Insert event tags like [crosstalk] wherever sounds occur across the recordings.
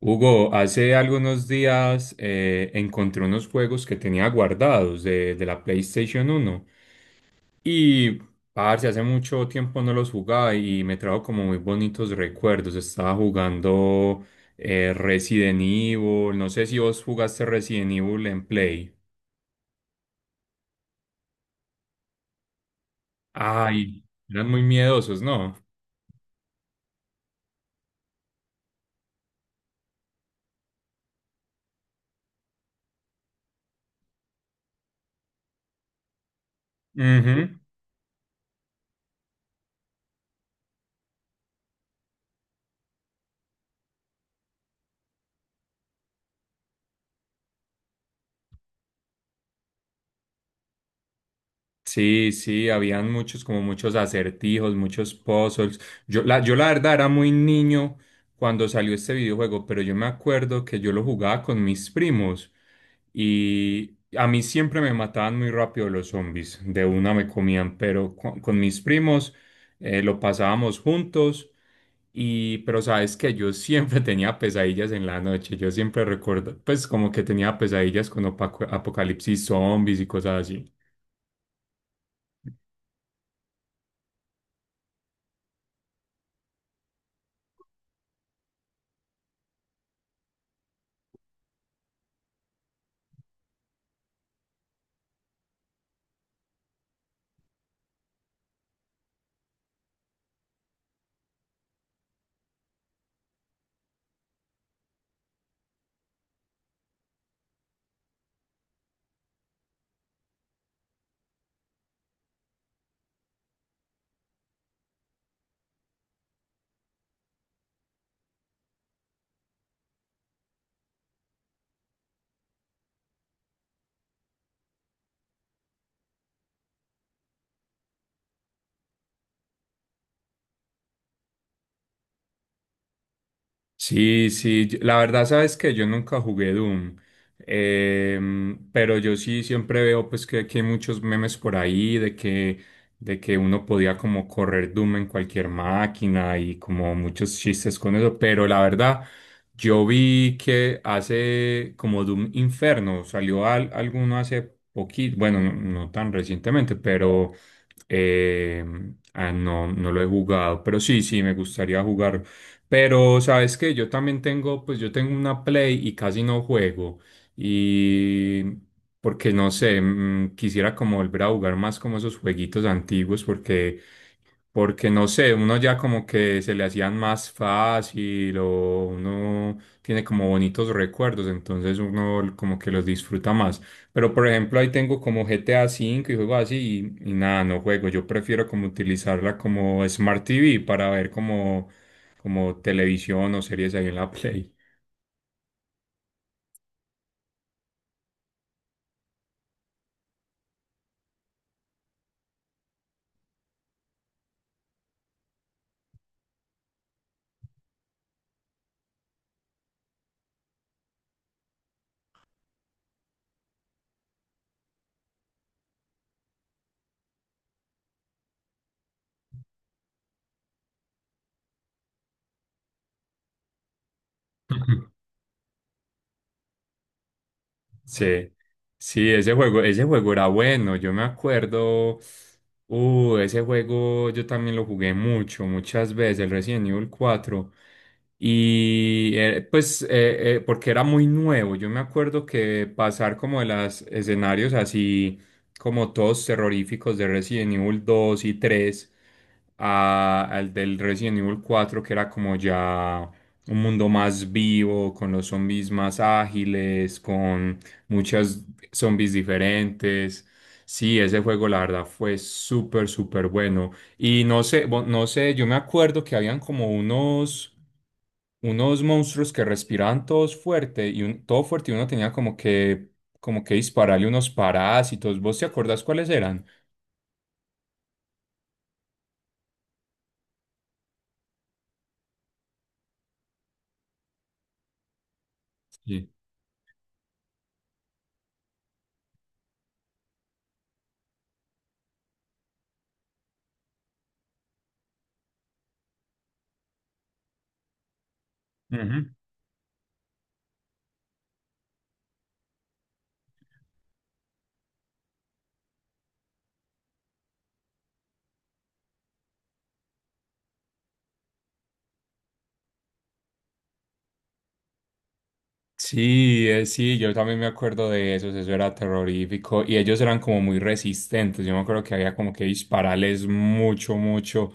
Hugo, hace algunos días encontré unos juegos que tenía guardados de la PlayStation uno y, parce, hace mucho tiempo no los jugaba y me trajo como muy bonitos recuerdos. Estaba jugando Resident Evil, no sé si vos jugaste Resident Evil en Play. Ay, eran muy miedosos, ¿no? Ujú. Sí, sí, habían muchos, como muchos acertijos, muchos puzzles. Yo la verdad era muy niño cuando salió este videojuego, pero yo me acuerdo que yo lo jugaba con mis primos y a mí siempre me mataban muy rápido los zombies, de una me comían, pero con mis primos lo pasábamos juntos pero sabes que yo siempre [laughs] tenía pesadillas en la noche, yo siempre recuerdo, pues como que tenía pesadillas con apocalipsis zombies y cosas así. Sí, sí, la verdad sabes que yo nunca jugué Doom, pero yo sí siempre veo pues que hay muchos memes por ahí de que uno podía como correr Doom en cualquier máquina y como muchos chistes con eso, pero la verdad yo vi que hace como Doom Inferno, salió alguno hace poquito, bueno, no, no tan recientemente, pero no, no lo he jugado, pero sí, sí, me gustaría jugar, pero sabes que yo también tengo, pues yo tengo una Play y casi no juego. Y porque no sé, quisiera como volver a jugar más como esos jueguitos antiguos porque no sé, uno ya como que se le hacían más fácil o uno tiene como bonitos recuerdos, entonces uno como que los disfruta más. Pero por ejemplo ahí tengo como GTA cinco y juego así y nada, no juego. Yo prefiero como utilizarla como Smart TV para ver como televisión o series ahí en la Play. [laughs] Sí, sí, ese juego era bueno, yo me acuerdo, ese juego yo también lo jugué mucho, muchas veces, el Resident Evil cuatro y porque era muy nuevo, yo me acuerdo que pasar como de los escenarios así como todos terroríficos de Resident Evil dos y 3 al del Resident Evil cuatro que era como ya un mundo más vivo, con los zombies más ágiles, con muchas zombies diferentes. Sí, ese juego la verdad fue súper, súper bueno. Y no sé, no sé, yo me acuerdo que habían como unos, unos monstruos que respiraban todos fuerte todo fuerte y uno tenía como como que dispararle unos parásitos. ¿Vos te acordás cuáles eran? Sí. Sí, sí, yo también me acuerdo de esos, eso era terrorífico y ellos eran como muy resistentes, yo me acuerdo que había como que dispararles mucho, mucho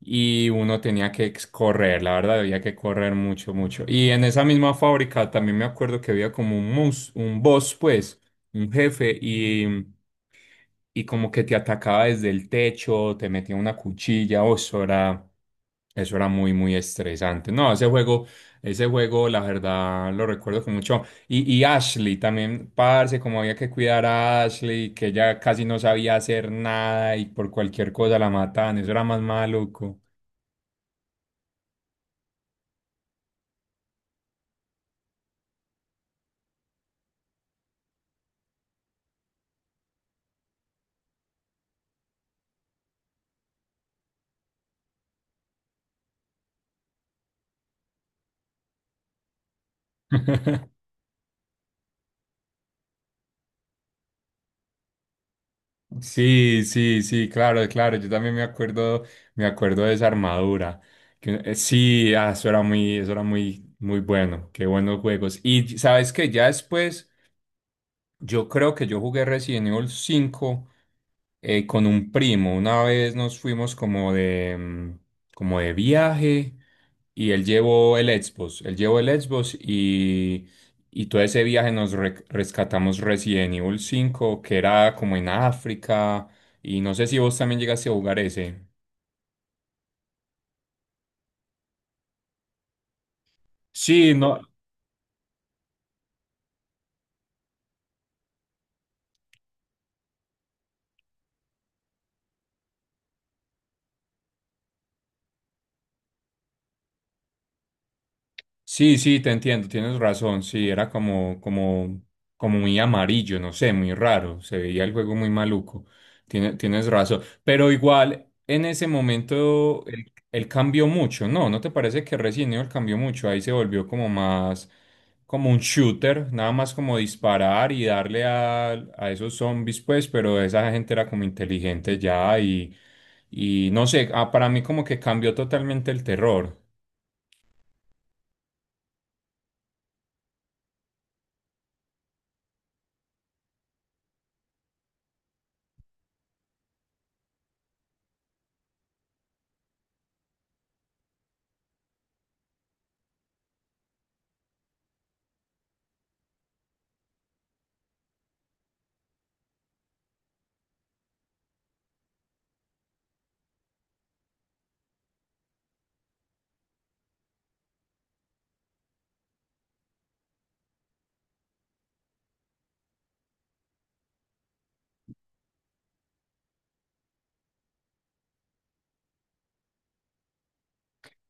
y uno tenía que correr, la verdad había que correr mucho, mucho. Y en esa misma fábrica también me acuerdo que había como un boss, pues, un jefe y como que te atacaba desde el techo, te metía una cuchilla, o eso era muy, muy estresante. No, ese juego... Ese juego, la verdad, lo recuerdo con mucho. Y Ashley también, parce, como había que cuidar a Ashley, que ella casi no sabía hacer nada y por cualquier cosa la mataban, eso era más maluco. Sí, sí, sí, claro, claro, yo también me acuerdo de esa armadura. Que, sí, ah, eso era muy, muy bueno, qué buenos juegos. Y sabes que ya después. Yo creo que yo jugué Resident Evil cinco con un primo. Una vez nos fuimos como como de viaje y él llevó el Xbox. Él llevó el Xbox y todo ese viaje nos rescatamos Resident Evil cinco que era como en África. Y no sé si vos también llegaste a jugar ese. Sí, no. Sí, sí, te entiendo, tienes razón, sí, era como, como, como muy amarillo, no sé, muy raro, se veía el juego muy maluco, tienes razón, pero igual en ese momento él cambió mucho, ¿no? ¿No te parece que Resident Evil cambió mucho? Ahí se volvió como más, como un shooter, nada más como disparar y darle a esos zombies, pues, pero esa gente era como inteligente ya y no sé, ah, para mí como que cambió totalmente el terror.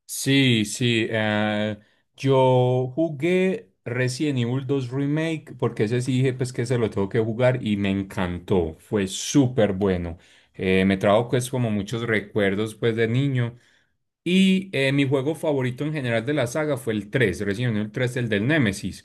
Sí, sí. Eh, yo jugué Resident Evil dos Remake porque ese sí dije pues que se lo tengo que jugar y me encantó. Fue súper bueno. Me trajo pues como muchos recuerdos pues de niño. Y mi juego favorito en general de la saga fue el 3, Resident Evil tres, el del Nemesis.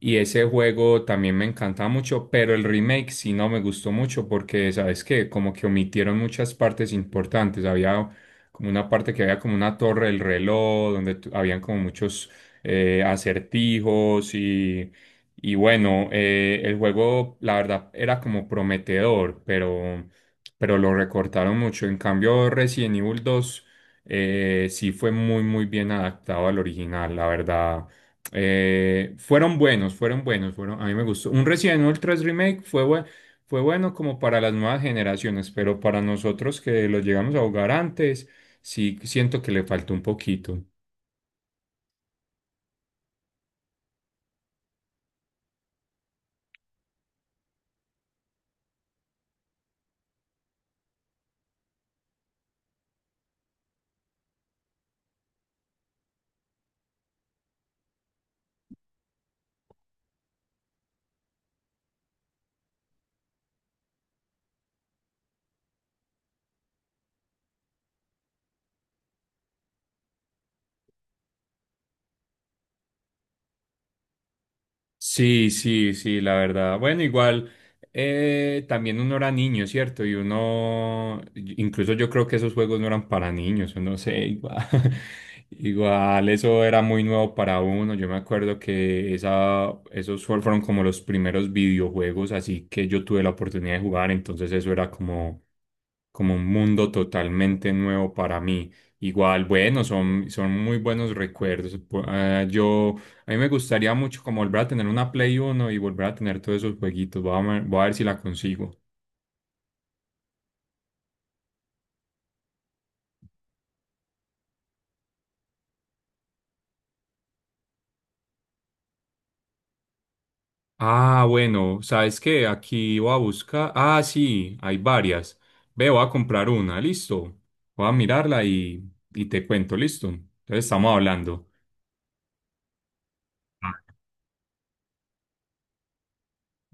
Y ese juego también me encantaba mucho, pero el remake sí no me gustó mucho porque, ¿sabes qué? Como que omitieron muchas partes importantes. Había como una parte que había como una torre del reloj, donde habían como muchos acertijos y bueno, el juego la verdad era como prometedor, pero lo recortaron mucho. En cambio, Resident Evil 2 sí fue muy, muy bien adaptado al original, la verdad. Fueron buenos, fueron buenos, fueron, a mí me gustó. Un Resident Evil 3 Remake fue bueno, fue bueno como para las nuevas generaciones, pero para nosotros que lo llegamos a jugar antes, sí siento que le falta un poquito. Sí, sí, sí, la verdad. Bueno, igual también uno era niño, ¿cierto? Y uno, incluso yo creo que esos juegos no eran para niños, yo no sé, igual, [laughs] igual eso era muy nuevo para uno. Yo me acuerdo que esa, esos fueron como los primeros videojuegos, así que yo tuve la oportunidad de jugar, entonces eso era como, como un mundo totalmente nuevo para mí. Igual, bueno, son, son muy buenos recuerdos. Yo a mí me gustaría mucho como volver a tener una Play Uno y volver a tener todos esos jueguitos. Voy a ver si la consigo. Ah, bueno, ¿sabes qué? Aquí voy a buscar. Ah, sí, hay varias. Ve, voy a comprar una, listo. Voy a mirarla y te cuento, listo. Entonces estamos hablando. Ah.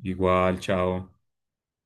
Igual, chao.